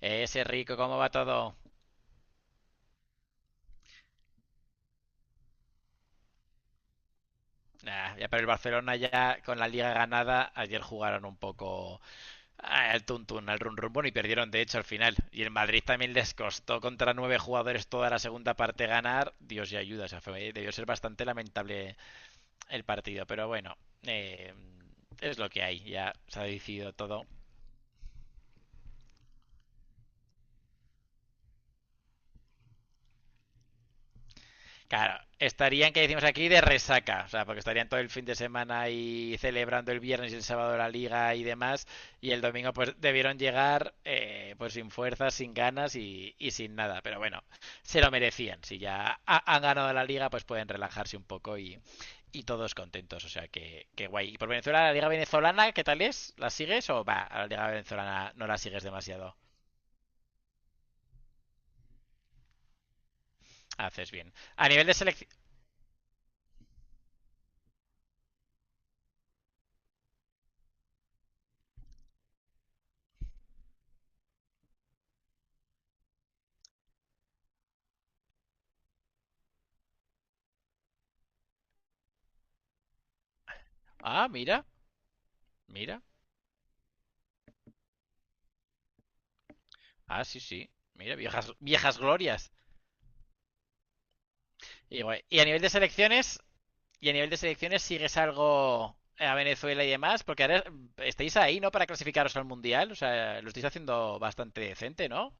Ese rico, ¿cómo va todo? Nah, ya para el Barcelona, ya con la liga ganada, ayer jugaron un poco al tuntún, al run run, bueno, y perdieron de hecho al final. Y el Madrid también les costó contra nueve jugadores toda la segunda parte ganar. Dios y ayuda, o sea, debió ser bastante lamentable el partido, pero bueno, eh, es lo que hay, ya se ha decidido todo. Claro, estarían, que decimos aquí, de resaca, o sea, porque estarían todo el fin de semana y celebrando el viernes y el sábado la liga y demás, y el domingo pues debieron llegar pues sin fuerzas, sin ganas y sin nada, pero bueno, se lo merecían, si han ganado la liga pues pueden relajarse un poco y todos contentos, o sea, que guay. ¿Y por Venezuela, la liga venezolana, qué tal es? ¿La sigues o va? A la liga venezolana no la sigues demasiado, haces bien. A nivel de selección... Ah, mira, mira. Ah, sí, sí. Mira, viejas, viejas glorias. Y, bueno, y a nivel de selecciones sigues algo a Venezuela y demás, porque ahora estáis ahí, ¿no? Para clasificaros al Mundial, o sea, lo estáis haciendo bastante decente, ¿no?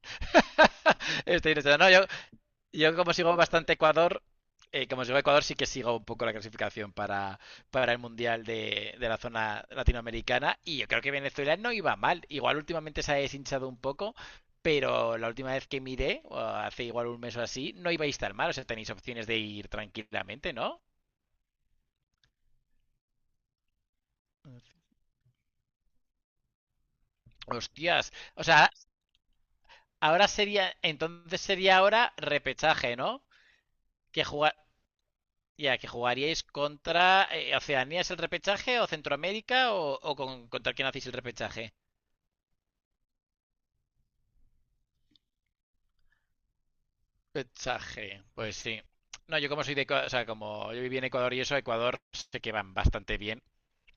estáis, no, yo como sigo bastante Ecuador, como sigo Ecuador sí que sigo un poco la clasificación para el Mundial de la zona latinoamericana y yo creo que Venezuela no iba mal. Igual últimamente se ha deshinchado un poco, pero la última vez que miré, o hace igual un mes o así, no ibais tan mal. O sea, tenéis opciones de ir tranquilamente, ¿no? Hostias. O sea, ahora sería, entonces sería ahora repechaje, ¿no? Que juega, ya, que jugaríais contra Oceanía es el repechaje o Centroamérica o con, contra quién hacéis el repechaje. Repechaje, pues sí. No, yo como soy de Ecuador, o sea, como yo viví en Ecuador y eso, Ecuador sé que van bastante bien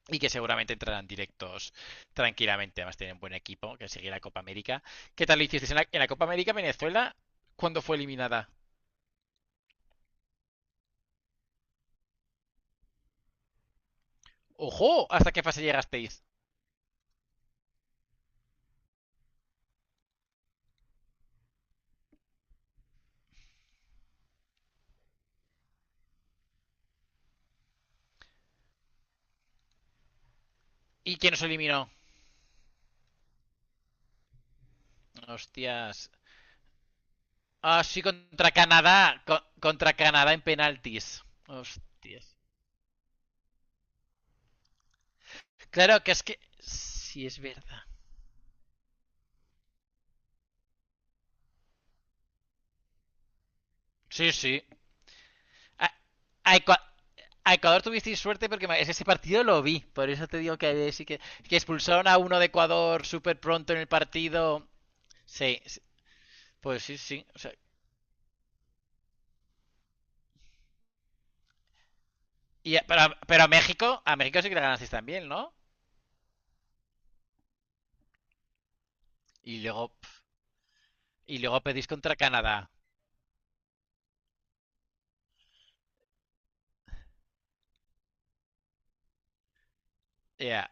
y que seguramente entrarán directos tranquilamente. Además tienen buen equipo que sigue la Copa América. ¿Qué tal lo hicisteis en en la Copa América Venezuela? ¿Cuándo fue eliminada? ¡Ojo! ¿Hasta qué fase llegasteis? ¿Y quién os eliminó? Hostias. Ah, sí, contra Canadá. Contra Canadá en penaltis. Hostias. Claro que es que. Sí, es verdad. Sí, sí. A, a Ecua- a Ecuador tuvisteis suerte porque ese partido lo vi. Por eso te digo que sí que expulsaron a uno de Ecuador súper pronto en el partido. Sí, sí. Pues sí, sí. O sea, y pero, pero a México sí que le ganasteis también, ¿no? Y luego, y luego pedís contra Canadá. Ya.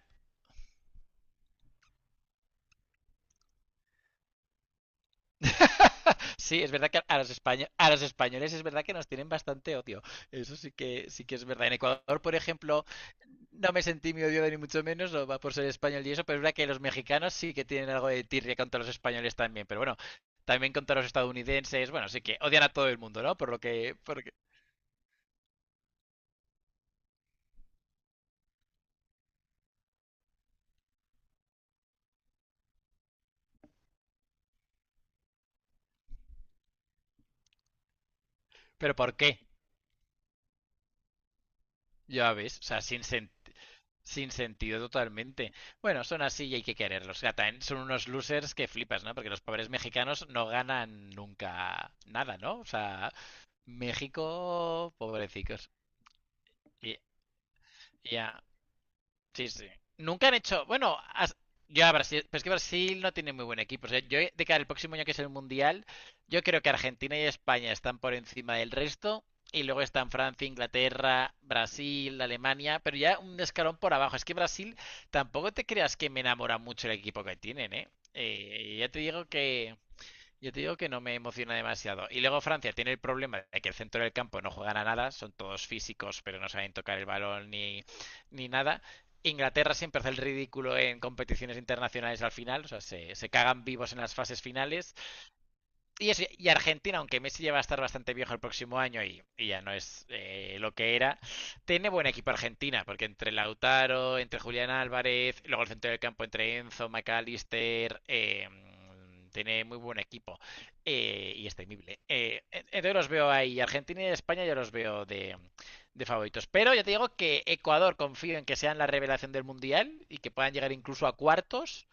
Sí, es verdad que a los españoles es verdad que nos tienen bastante odio. Eso sí que es verdad. En Ecuador, por ejemplo, no me sentí muy odiado ni mucho menos, no va por ser español y eso, pero es verdad que los mexicanos sí que tienen algo de tirria contra los españoles también. Pero bueno, también contra los estadounidenses, bueno, sí que odian a todo el mundo, ¿no? Por lo que, por- pero ¿por qué? Ya ves, o sea, sin sentido. Sin sentido totalmente. Bueno, son así y hay que quererlos. Ya, también son unos losers que flipas, ¿no? Porque los pobres mexicanos no ganan nunca nada, ¿no? O sea, México, pobrecicos. Y- ya, sí, sí. Nunca han hecho. Bueno, yo a Brasil. Pero es que Brasil no tiene muy buen equipo. O sea, yo de cara al próximo año que es el Mundial, yo creo que Argentina y España están por encima del resto. Y luego están Francia, Inglaterra, Brasil, Alemania. Pero ya un escalón por abajo. Es que Brasil tampoco te creas que me enamora mucho el equipo que tienen, ¿eh? Ya te digo que. Yo te digo que no me emociona demasiado. Y luego Francia tiene el problema de que el centro del campo no juegan a nada, son todos físicos, pero no saben tocar el balón ni, ni nada. Inglaterra siempre hace el ridículo en competiciones internacionales al final, o sea, se cagan vivos en las fases finales y, y Argentina, aunque Messi ya va a estar bastante viejo el próximo año y ya no es lo que era, tiene buen equipo Argentina, porque entre Lautaro, entre Julián Álvarez, luego el centro del campo entre Enzo, McAllister, tiene muy buen equipo y es temible. Entonces los veo ahí, Argentina y España yo los veo de favoritos. Pero ya te digo que Ecuador confío en que sean la revelación del Mundial y que puedan llegar incluso a cuartos.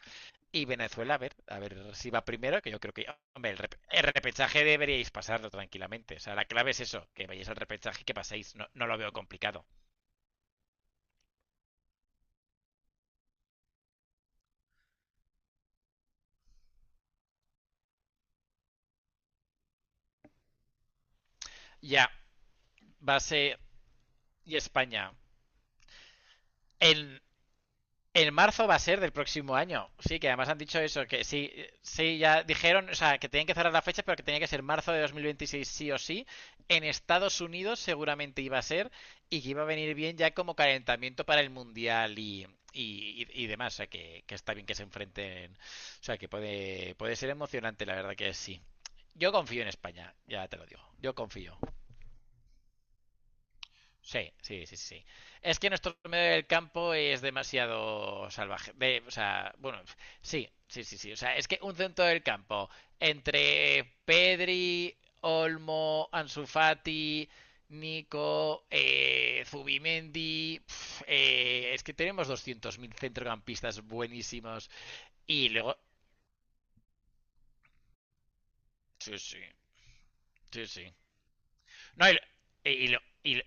Y Venezuela, a ver si va primero, que yo creo que, hombre, el, rep el repechaje deberíais pasarlo tranquilamente. O sea, la clave es eso, que vayáis al repechaje y que paséis. No, no lo veo complicado. Ya, va a ser, y España. En, En marzo va a ser del próximo año. Sí, que además han dicho eso, que sí, sí, ya dijeron, o sea, que tenían que cerrar las fechas, pero que tenía que ser marzo de 2026, sí o sí. En Estados Unidos seguramente iba a ser, y que iba a venir bien ya como calentamiento para el Mundial y demás. O sea, que, está bien que se enfrenten. O sea, que puede, puede ser emocionante, la verdad que sí. Yo confío en España, ya te lo digo. Yo confío. Sí, sí, sí, sí. Es que nuestro medio del campo es demasiado salvaje. De- o sea, bueno, sí, sí, sí, sí. O sea, es que un centro del campo entre Pedri, Olmo, Ansu Fati, Nico, Zubimendi, pf, es que tenemos 200.000 centrocampistas buenísimos. Y luego, sí, sí, sí, sí. No, y, y y lo- y lo-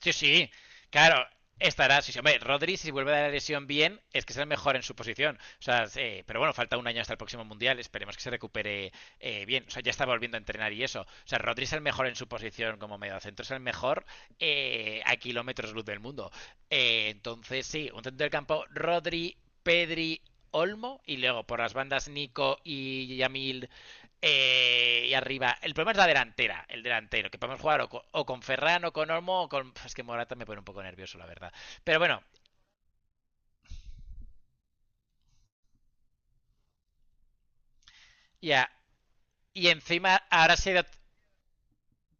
sí, sí, claro, estará. Sí, sí, hombre, Rodri, si vuelve a la lesión bien, es que será el mejor en su posición. O sea, sí, pero bueno, falta un año hasta el próximo mundial, esperemos que se recupere bien. O sea, ya está volviendo a entrenar y eso. O sea, Rodri es el mejor en su posición como mediocentro, es el mejor a kilómetros luz del mundo. Entonces, sí, un centro del campo, Rodri, Pedri, Olmo, y luego por las bandas Nico y Yamil, y arriba, el problema es la delantera, el delantero, que podemos jugar o con Ferran o con Olmo o con... Es que Morata me pone un poco nervioso, la verdad. Pero bueno, ya. Y encima ahora se ha ido.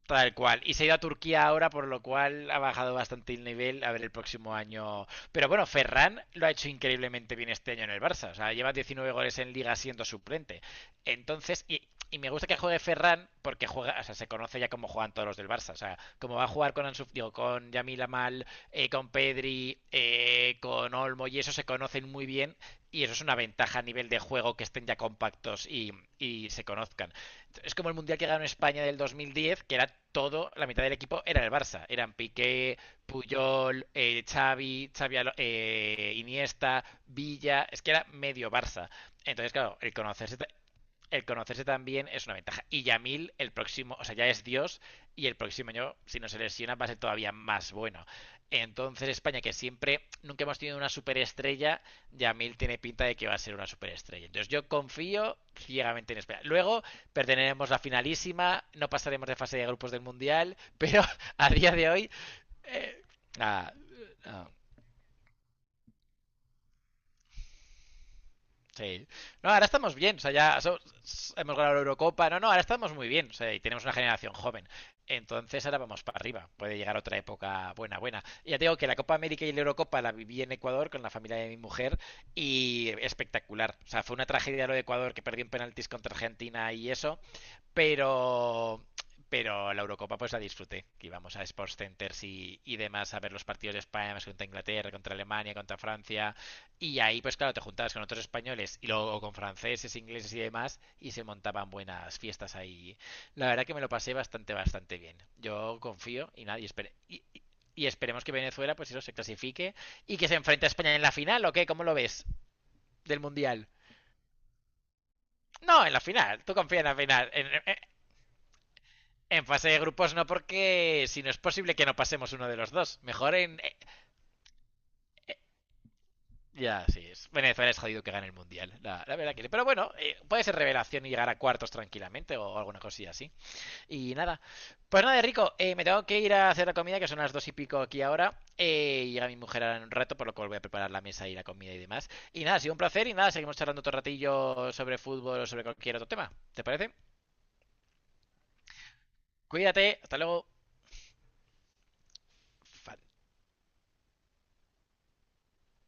Tal cual. Y se ha ido a Turquía ahora, por lo cual ha bajado bastante el nivel. A ver el próximo año. Pero bueno, Ferran lo ha hecho increíblemente bien este año en el Barça. O sea, lleva 19 goles en liga siendo suplente. Entonces, y me gusta que juegue Ferran porque juega, o sea, se conoce ya cómo juegan todos los del Barça. O sea, como va a jugar con Ansu, digo, con Yamil Amal, con Pedri, con Olmo y eso se conocen muy bien. Y eso es una ventaja a nivel de juego que estén ya compactos y se conozcan. Es como el mundial que ganó España del 2010, que era todo, la mitad del equipo era el Barça. Eran Piqué, Puyol, Xavi, Iniesta, Villa. Es que era medio Barça. Entonces, claro, el conocerse también es una ventaja. Y Yamil, el próximo, o sea, ya es Dios y el próximo año, si no se lesiona, va a ser todavía más bueno. Entonces, España, que siempre, nunca hemos tenido una superestrella, Yamil tiene pinta de que va a ser una superestrella. Entonces, yo confío ciegamente en España. Luego, perderemos la finalísima, no pasaremos de fase de grupos del Mundial, pero a día de hoy, eh, nada, no, sí. No, ahora estamos bien, o sea, hemos ganado la Eurocopa, no, no, ahora estamos muy bien, o sea, y tenemos una generación joven. Entonces ahora vamos para arriba, puede llegar otra época buena, buena. Y ya te digo que la Copa América y la Eurocopa la viví en Ecuador con la familia de mi mujer y espectacular. O sea, fue una tragedia lo de Ecuador que perdió en penaltis contra Argentina y eso, pero pero la Eurocopa pues la disfruté, que íbamos a Sports Centers y demás a ver los partidos de España más contra Inglaterra, contra Alemania, contra Francia, y ahí pues claro, te juntabas con otros españoles y luego con franceses, ingleses y demás, y se montaban buenas fiestas ahí. La verdad que me lo pasé bastante, bastante bien. Yo confío y nadie espere. Y esperemos que Venezuela, pues eso, se clasifique y que se enfrente a España en la final, ¿o qué? ¿Cómo lo ves? Del Mundial. No, en la final. Tú confías en la final. en, En fase de grupos no, porque si no es posible que no pasemos uno de los dos. Mejor en. Eh, ya, sí. Venezuela es jodido que gane el mundial. La verdad que. Sí. Pero bueno, puede ser revelación y llegar a cuartos tranquilamente o alguna cosilla así. Y nada. Pues nada, Rico, me tengo que ir a hacer la comida, que son las dos y pico aquí ahora. Llega mi mujer ahora en un rato, por lo cual voy a preparar la mesa y la comida y demás. Y nada, ha sido un placer. Y nada, seguimos charlando otro ratillo sobre fútbol o sobre cualquier otro tema. ¿Te parece? Cuídate, hasta luego. Fan-